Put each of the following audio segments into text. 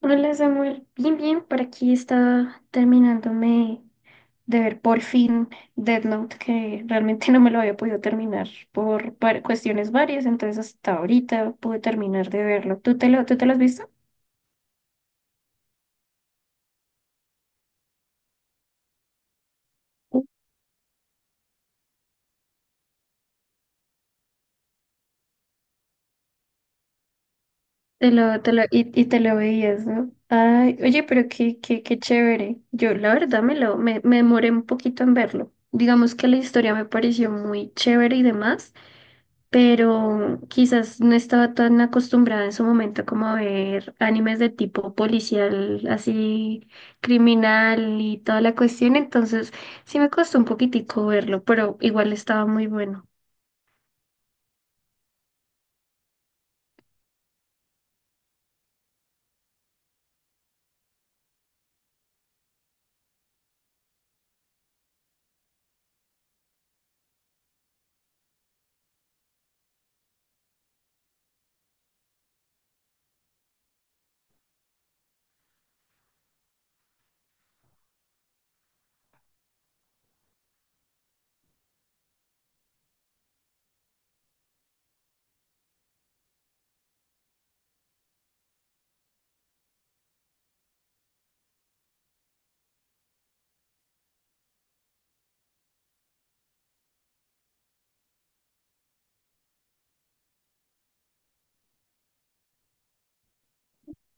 Hola Samuel, bien, bien, por aquí está terminándome de ver por fin Death Note, que realmente no me lo había podido terminar por cuestiones varias. Entonces hasta ahorita pude terminar de verlo. ¿Tú te lo has visto? Y te lo veías, ¿no? Ay, oye, pero qué chévere. Yo la verdad me demoré un poquito en verlo. Digamos que la historia me pareció muy chévere y demás, pero quizás no estaba tan acostumbrada en su momento como a ver animes de tipo policial, así criminal y toda la cuestión. Entonces sí me costó un poquitico verlo, pero igual estaba muy bueno.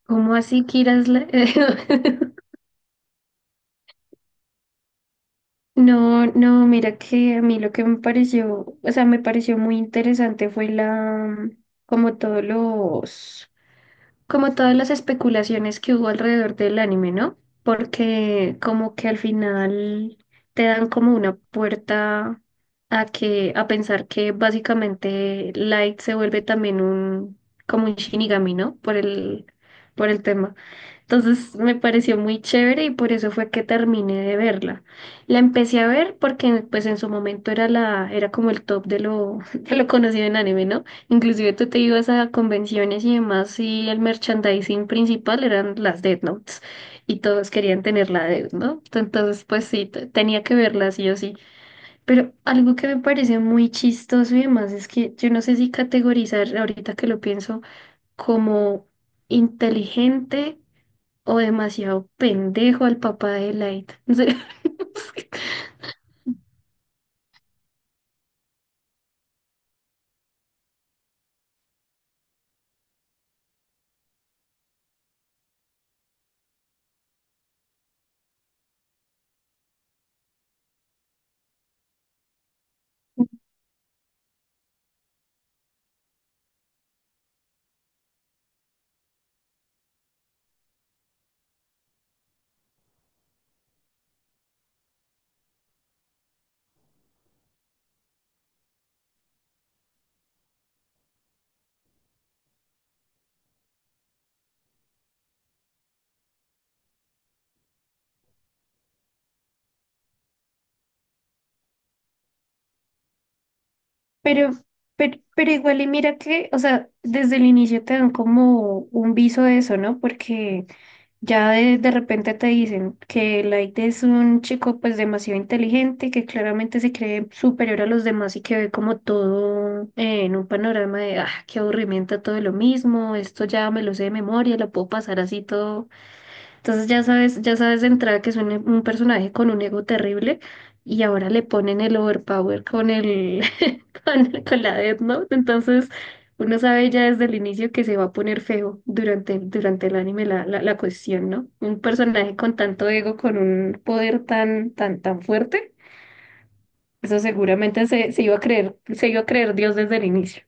¿Cómo así, Kira? No, no, mira que a mí lo que me pareció, o sea, me pareció muy interesante fue como todos los como todas las especulaciones que hubo alrededor del anime, ¿no? Porque como que al final te dan como una puerta a que a pensar que básicamente Light se vuelve también un como un Shinigami, ¿no? Por el tema. Entonces me pareció muy chévere y por eso fue que terminé de verla. La empecé a ver porque pues en su momento era era como el top de lo, de lo conocido en anime, ¿no? Inclusive tú te ibas a convenciones y demás, y el merchandising principal eran las Death Notes y todos querían tener la Death Note. Entonces pues sí, tenía que verla sí o sí. Pero algo que me parece muy chistoso y demás es que yo no sé si categorizar ahorita que lo pienso como inteligente o demasiado pendejo al papá de Light. No sé. Pero, pero igual y mira que, o sea, desde el inicio te dan como un viso de eso, ¿no? Porque ya de repente te dicen que Light es un chico pues demasiado inteligente, que claramente se cree superior a los demás y que ve como todo en un panorama de, ah, qué aburrimiento, todo lo mismo, esto ya me lo sé de memoria, lo puedo pasar así todo. Entonces ya sabes de entrada que es un personaje con un ego terrible, y ahora le ponen el overpower con el con la Death Note. Entonces uno sabe ya desde el inicio que se va a poner feo durante, durante el anime la cuestión, ¿no? Un personaje con tanto ego, con un poder tan, tan, tan fuerte, eso seguramente se, se iba a creer, se iba a creer Dios desde el inicio.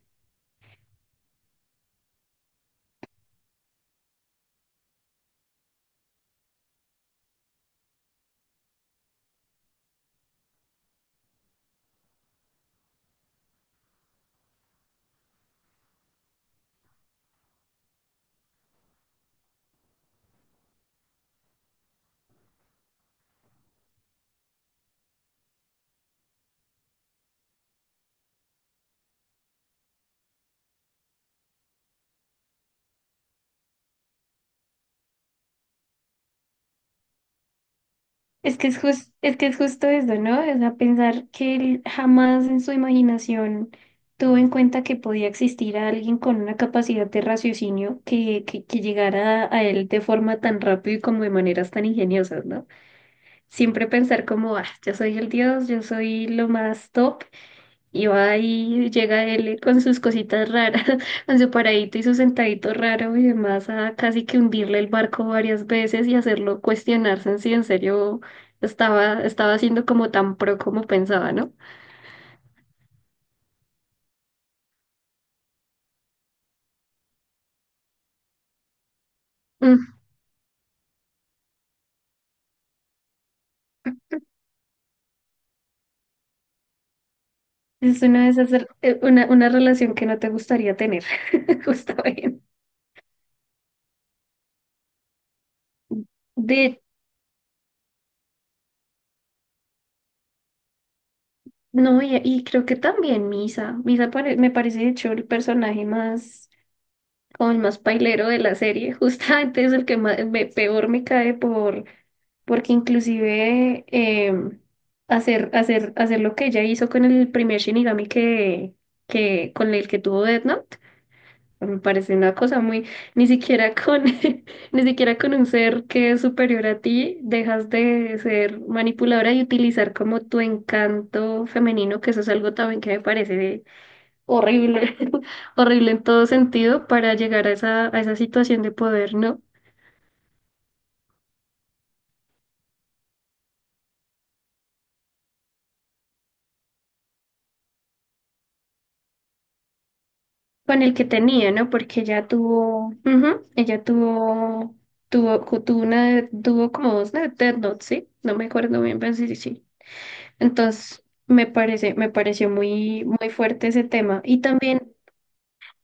Es que es justo eso, ¿no? O sea, pensar que él jamás en su imaginación tuvo en cuenta que podía existir alguien con una capacidad de raciocinio que llegara a él de forma tan rápida y como de maneras tan ingeniosas, ¿no? Siempre pensar como, ah, yo soy el dios, yo soy lo más top, y va y llega él con sus cositas raras, con su paradito y su sentadito raro y demás, a casi que hundirle el barco varias veces y hacerlo cuestionarse en si en serio estaba siendo como tan pro como pensaba, ¿no? Mm. Es una de esas, una relación que no te gustaría tener, justamente. De, no, y creo que también Misa. Me parece, de hecho, el personaje más, como el más pailero de la serie. Justamente es el que más, peor me cae porque inclusive hacer lo que ella hizo con el primer Shinigami que con el que tuvo Death Note, me parece una cosa muy, ni siquiera con, ni siquiera con un ser que es superior a ti, dejas de ser manipuladora y utilizar como tu encanto femenino, que eso es algo también que me parece horrible, horrible en todo sentido, para llegar a esa situación de poder, ¿no? Con el que tenía, ¿no? Porque ella tuvo, ujú, ella tuvo, tuvo una, tuvo como dos de Death Note, ¿sí? No me acuerdo bien, pero sí, sí, sí. Entonces, me pareció muy, muy fuerte ese tema. Y también,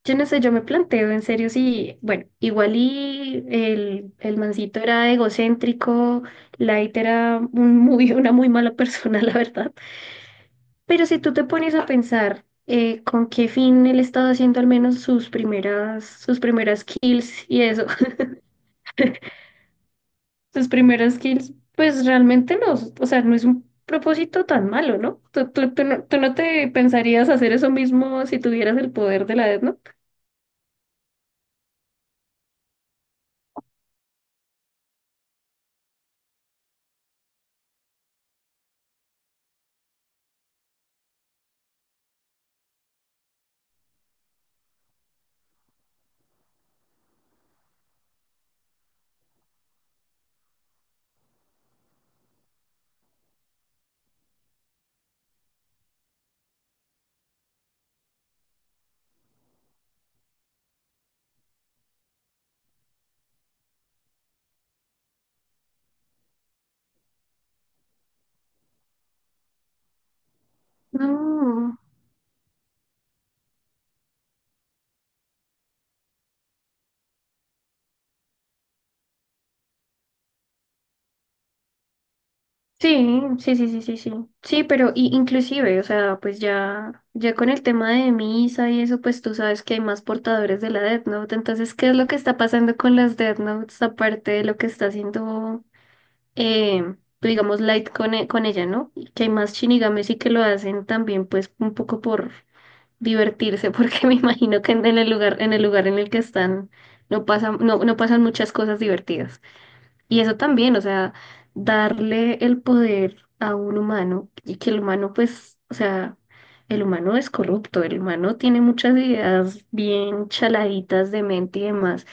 yo no sé, yo me planteo en serio si, bueno, igual y el mancito era egocéntrico, Light era un muy, una muy mala persona, la verdad. Pero si tú te pones a pensar con qué fin él estaba haciendo al menos sus primeras kills y eso, sus primeras kills, pues realmente no, o sea, no es un propósito tan malo, ¿no? Tú no te pensarías hacer eso mismo si tuvieras el poder de la Death Note. No. Sí, sí, sí, sí, sí, sí. Sí, pero inclusive, o sea, pues ya con el tema de misa y eso, pues tú sabes que hay más portadores de la Death Note. Entonces, ¿qué es lo que está pasando con las Death Notes aparte de lo que está haciendo, eh, digamos, Light con ella, ¿no? Y que hay más Shinigames y que lo hacen también, pues, un poco por divertirse, porque me imagino que en el lugar, en el que están, no pasan muchas cosas divertidas. Y eso también, o sea, darle el poder a un humano y que el humano, pues, o sea, el humano es corrupto, el humano tiene muchas ideas bien chaladitas de mente y demás,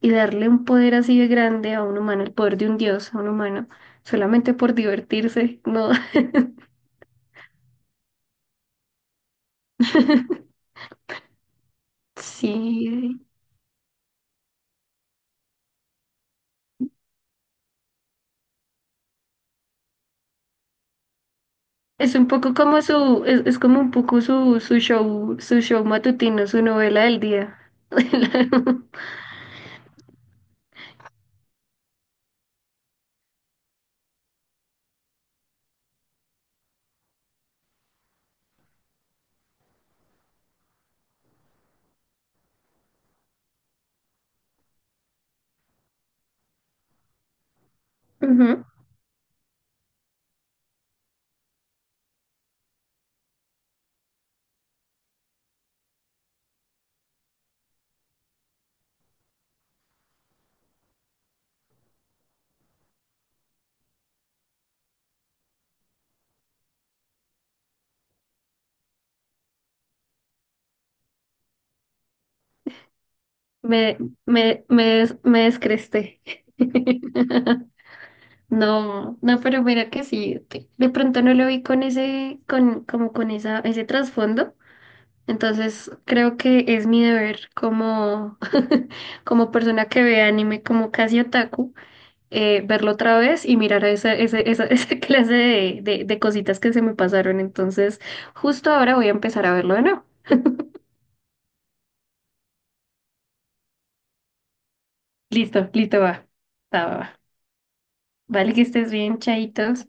y darle un poder así de grande a un humano, el poder de un dios a un humano, solamente por divertirse, no, sí. Es un poco como su, es como un poco su show, su show matutino, su novela del día. Ujú. Me, me descresté. No, no, pero mira que sí, de pronto no lo vi con ese, como con esa, ese trasfondo. Entonces creo que es mi deber como, como persona que ve anime como casi otaku, verlo otra vez y mirar a esa clase de cositas que se me pasaron. Entonces, justo ahora voy a empezar a verlo de nuevo. Listo, listo, va. Va, va, va. Vale, que estés bien, chaitos.